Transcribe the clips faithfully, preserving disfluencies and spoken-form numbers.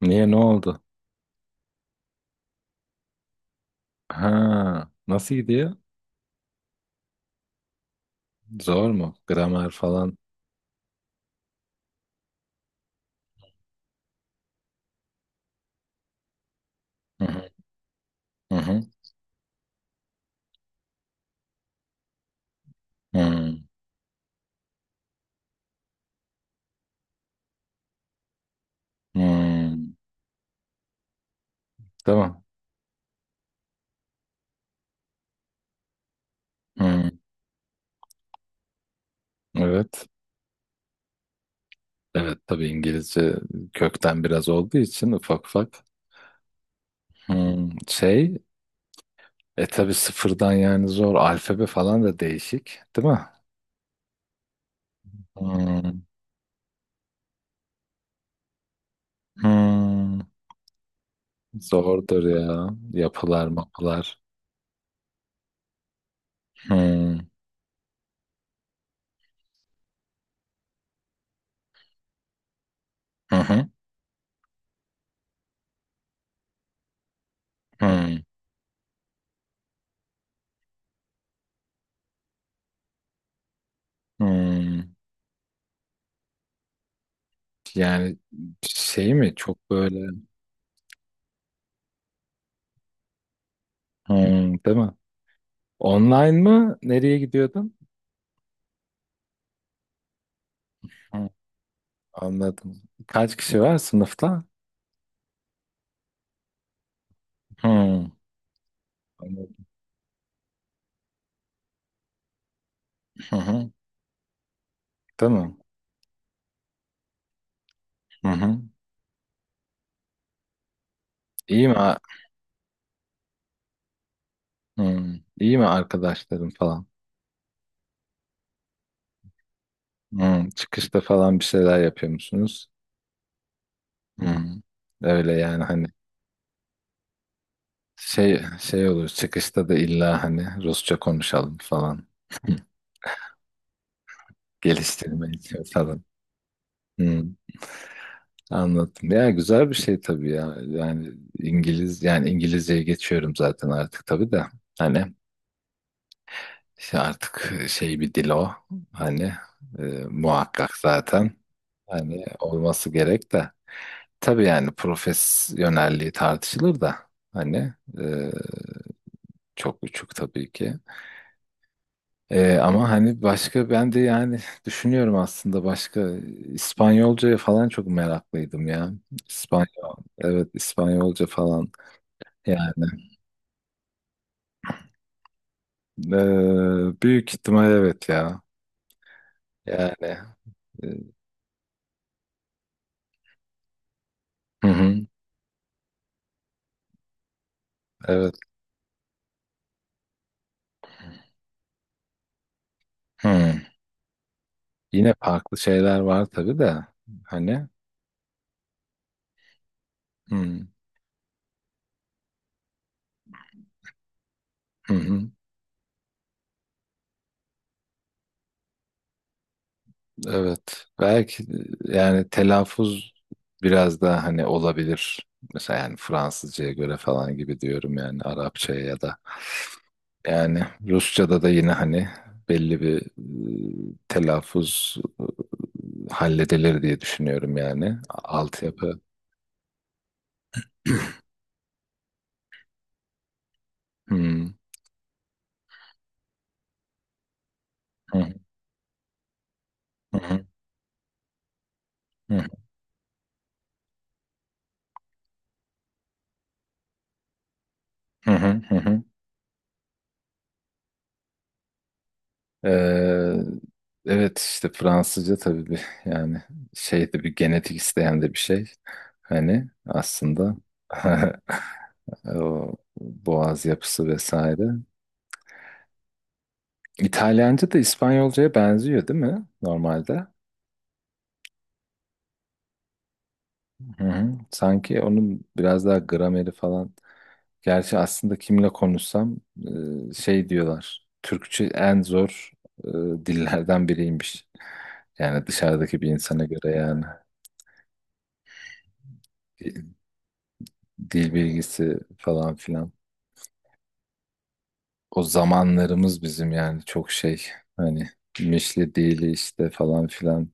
Niye, ne oldu? Ha, nasıl gidiyor? Zor mu? Gramer falan. Hı hı. Hı hı. Hmm, hmm. Tamam. Hmm. Evet. Evet, tabii İngilizce kökten biraz olduğu için ufak ufak. Hmm, Şey, e tabii sıfırdan yani zor. Alfabe falan da değişik, değil mi? Hmm, hmm. Zordur ya. Yapılar, mapılar. Hmm, hı hı, hmm, hmm. Yani şey mi, çok böyle. Hmm, değil mi? Online mı? Nereye gidiyordun? Hmm, anladım. Kaç kişi var sınıfta? Hmm, anladım. Hı hı, değil mi? Hı hı. İyi mi? a- Hmm, iyi mi arkadaşlarım falan? Hmm, çıkışta falan bir şeyler yapıyor musunuz? Hmm, öyle yani, hani şey şey olur çıkışta da, illa hani Rusça konuşalım falan. Geliştirme için falan. Hmm. Anladım. Ya, güzel bir şey tabii ya. Yani İngiliz yani İngilizceye geçiyorum zaten artık tabii de. Hani, işte artık e, şey, bir dil o. Hani e, muhakkak zaten. Hani olması gerek de. Tabii, yani profesyonelliği tartışılır da. Hani e, çok uçuk tabii ki. E, ama hani başka, ben de yani düşünüyorum aslında başka, İspanyolcaya falan çok meraklıydım ya. İspanyol. Evet, İspanyolca falan. Yani eee, büyük ihtimal evet ya. Yani e, hı hı, evet. Hı. Yine farklı şeyler var tabii de, hani hı, hı hı, evet. Belki e, yani telaffuz biraz daha hani olabilir. Mesela yani Fransızcaya göre falan gibi diyorum, yani Arapçaya ya da. Yani Rusça'da da yine, hani belli bir e, telaffuz e, halledilir diye düşünüyorum yani. Altyapı. Hı hı. Hı hı, hı hı, hı hı, hı. Ee, evet işte Fransızca tabii, bir yani şey de bir genetik isteyen de bir şey. Hani aslında o boğaz yapısı vesaire. İtalyanca da İspanyolcaya benziyor değil mi normalde? Hı hı. Sanki onun biraz daha grameri falan. Gerçi aslında kimle konuşsam e, şey diyorlar. Türkçe en zor e, dillerden biriymiş. Yani dışarıdaki bir insana göre yani Di- dil bilgisi falan filan. O zamanlarımız bizim yani çok şey, hani mişli dili işte falan filan.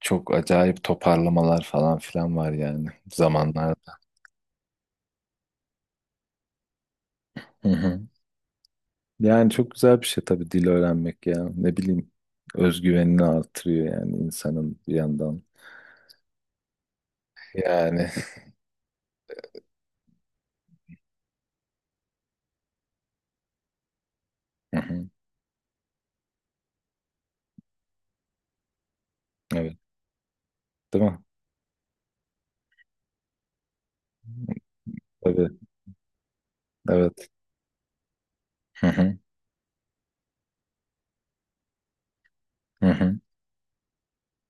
Çok acayip toparlamalar falan filan var yani zamanlarda. Hı hı. Yani çok güzel bir şey tabii dil öğrenmek ya. Ne bileyim, özgüvenini artırıyor yani insanın bir yandan. Yani. Hı hı. Evet. Değil mi? Tabii. Evet. Hı hı. Hı hı.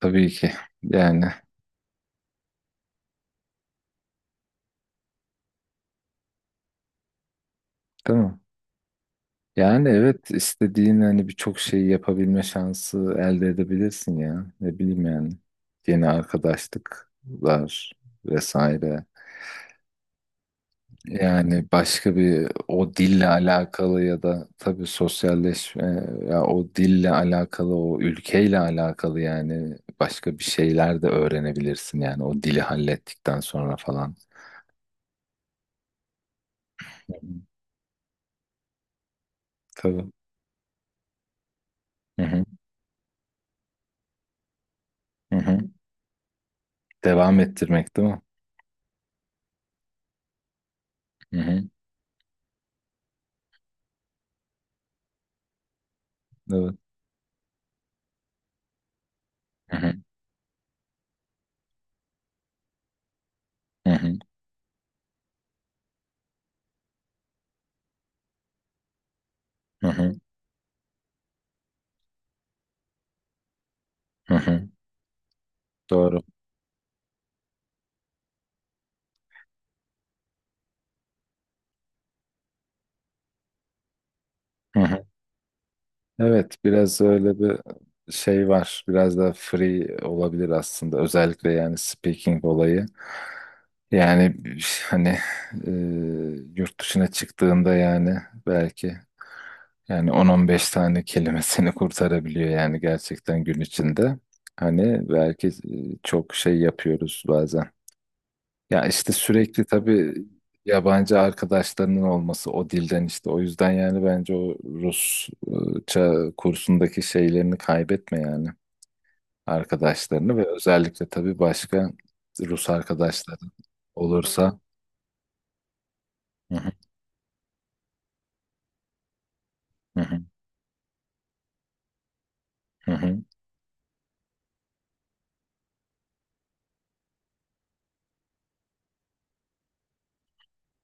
Tabii ki. Yani. Değil mi? Yani evet, istediğin hani birçok şeyi yapabilme şansı elde edebilirsin ya. Ne bileyim yani. Yeni arkadaşlıklar vesaire. Yani başka bir, o dille alakalı ya da tabii sosyalleşme, ya o dille alakalı o ülkeyle alakalı, yani başka bir şeyler de öğrenebilirsin yani o dili hallettikten sonra falan. Tabii. Hı hı. Hı hı. Devam ettirmek değil mi? Hı hı. Evet. Hı hı. Hı hı. Hı hı. Hı hı. Doğru. Hı hı. Evet, biraz öyle bir şey var. Biraz daha free olabilir aslında. Özellikle yani speaking olayı. Yani hani e, yurt dışına çıktığında yani belki yani on on beş tane kelimesini kurtarabiliyor yani gerçekten gün içinde. Hani belki e, çok şey yapıyoruz bazen. Ya işte sürekli tabii yabancı arkadaşlarının olması o dilden işte. O yüzden yani bence o Rusça kursundaki şeylerini kaybetme yani, arkadaşlarını ve özellikle tabii başka Rus arkadaşların olursa. Hı hı, hı hı, hı hı,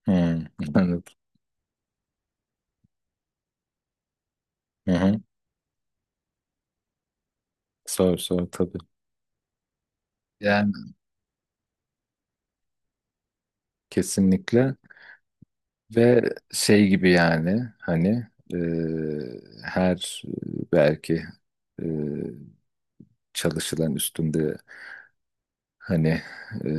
hı. Evet. Hı hı. Sor sor tabii. Yani kesinlikle ve şey gibi, yani hani e, her e, belki e, çalışılan üstünde. Hani e,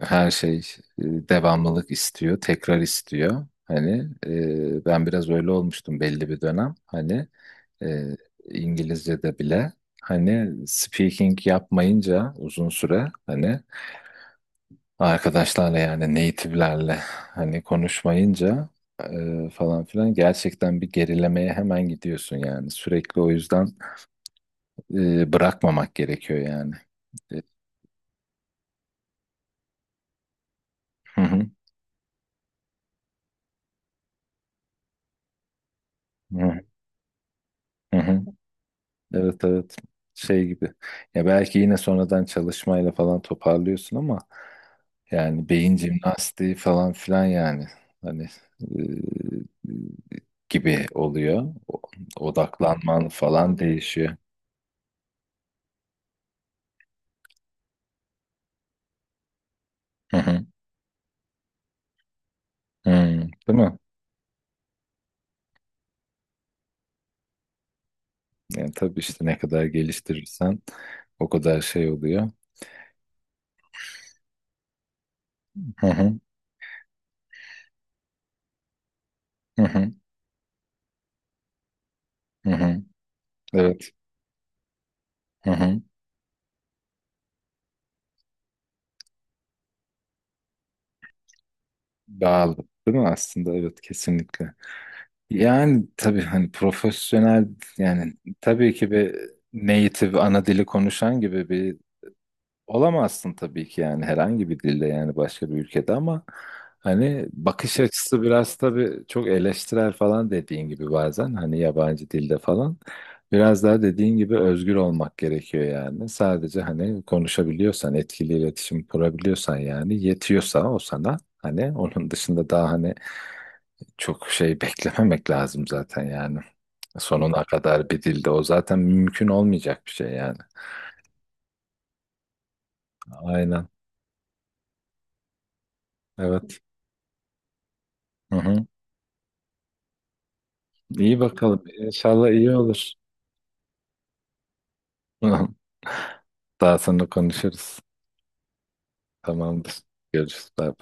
her şey e, devamlılık istiyor, tekrar istiyor. Hani e, ben biraz öyle olmuştum belli bir dönem. Hani e, İngilizce'de bile hani speaking yapmayınca uzun süre, hani arkadaşlarla yani native'lerle hani konuşmayınca e, falan filan gerçekten bir gerilemeye hemen gidiyorsun yani. Sürekli o yüzden e, bırakmamak gerekiyor yani. E, Hı hı, hı hı, hı hı. Evet evet, şey gibi ya, belki yine sonradan çalışmayla falan toparlıyorsun ama yani beyin jimnastiği falan filan yani, hani e, gibi oluyor. O- odaklanman falan değişiyor. Hı hı. Hı, değil mi? Yani tabii işte ne kadar geliştirirsen o kadar şey oluyor. Hı hı. Hı hı. Hı hı. Evet. Hı hı. Bağlı değil mi aslında, evet, kesinlikle. Yani tabii hani profesyonel, yani tabii ki bir native ana dili konuşan gibi bir olamazsın tabii ki yani, herhangi bir dilde yani başka bir ülkede, ama hani bakış açısı biraz tabii çok eleştirel falan dediğin gibi, bazen hani yabancı dilde falan biraz daha dediğin gibi özgür olmak gerekiyor yani, sadece hani konuşabiliyorsan, etkili iletişim kurabiliyorsan, yani yetiyorsa o sana, hani onun dışında daha hani çok şey beklememek lazım zaten yani. Sonuna kadar bir dilde o zaten mümkün olmayacak bir şey yani. Aynen. Evet. Hı hı. İyi bakalım. İnşallah iyi olur. Daha sonra konuşuruz. Tamamdır. Görüşürüz. Bye.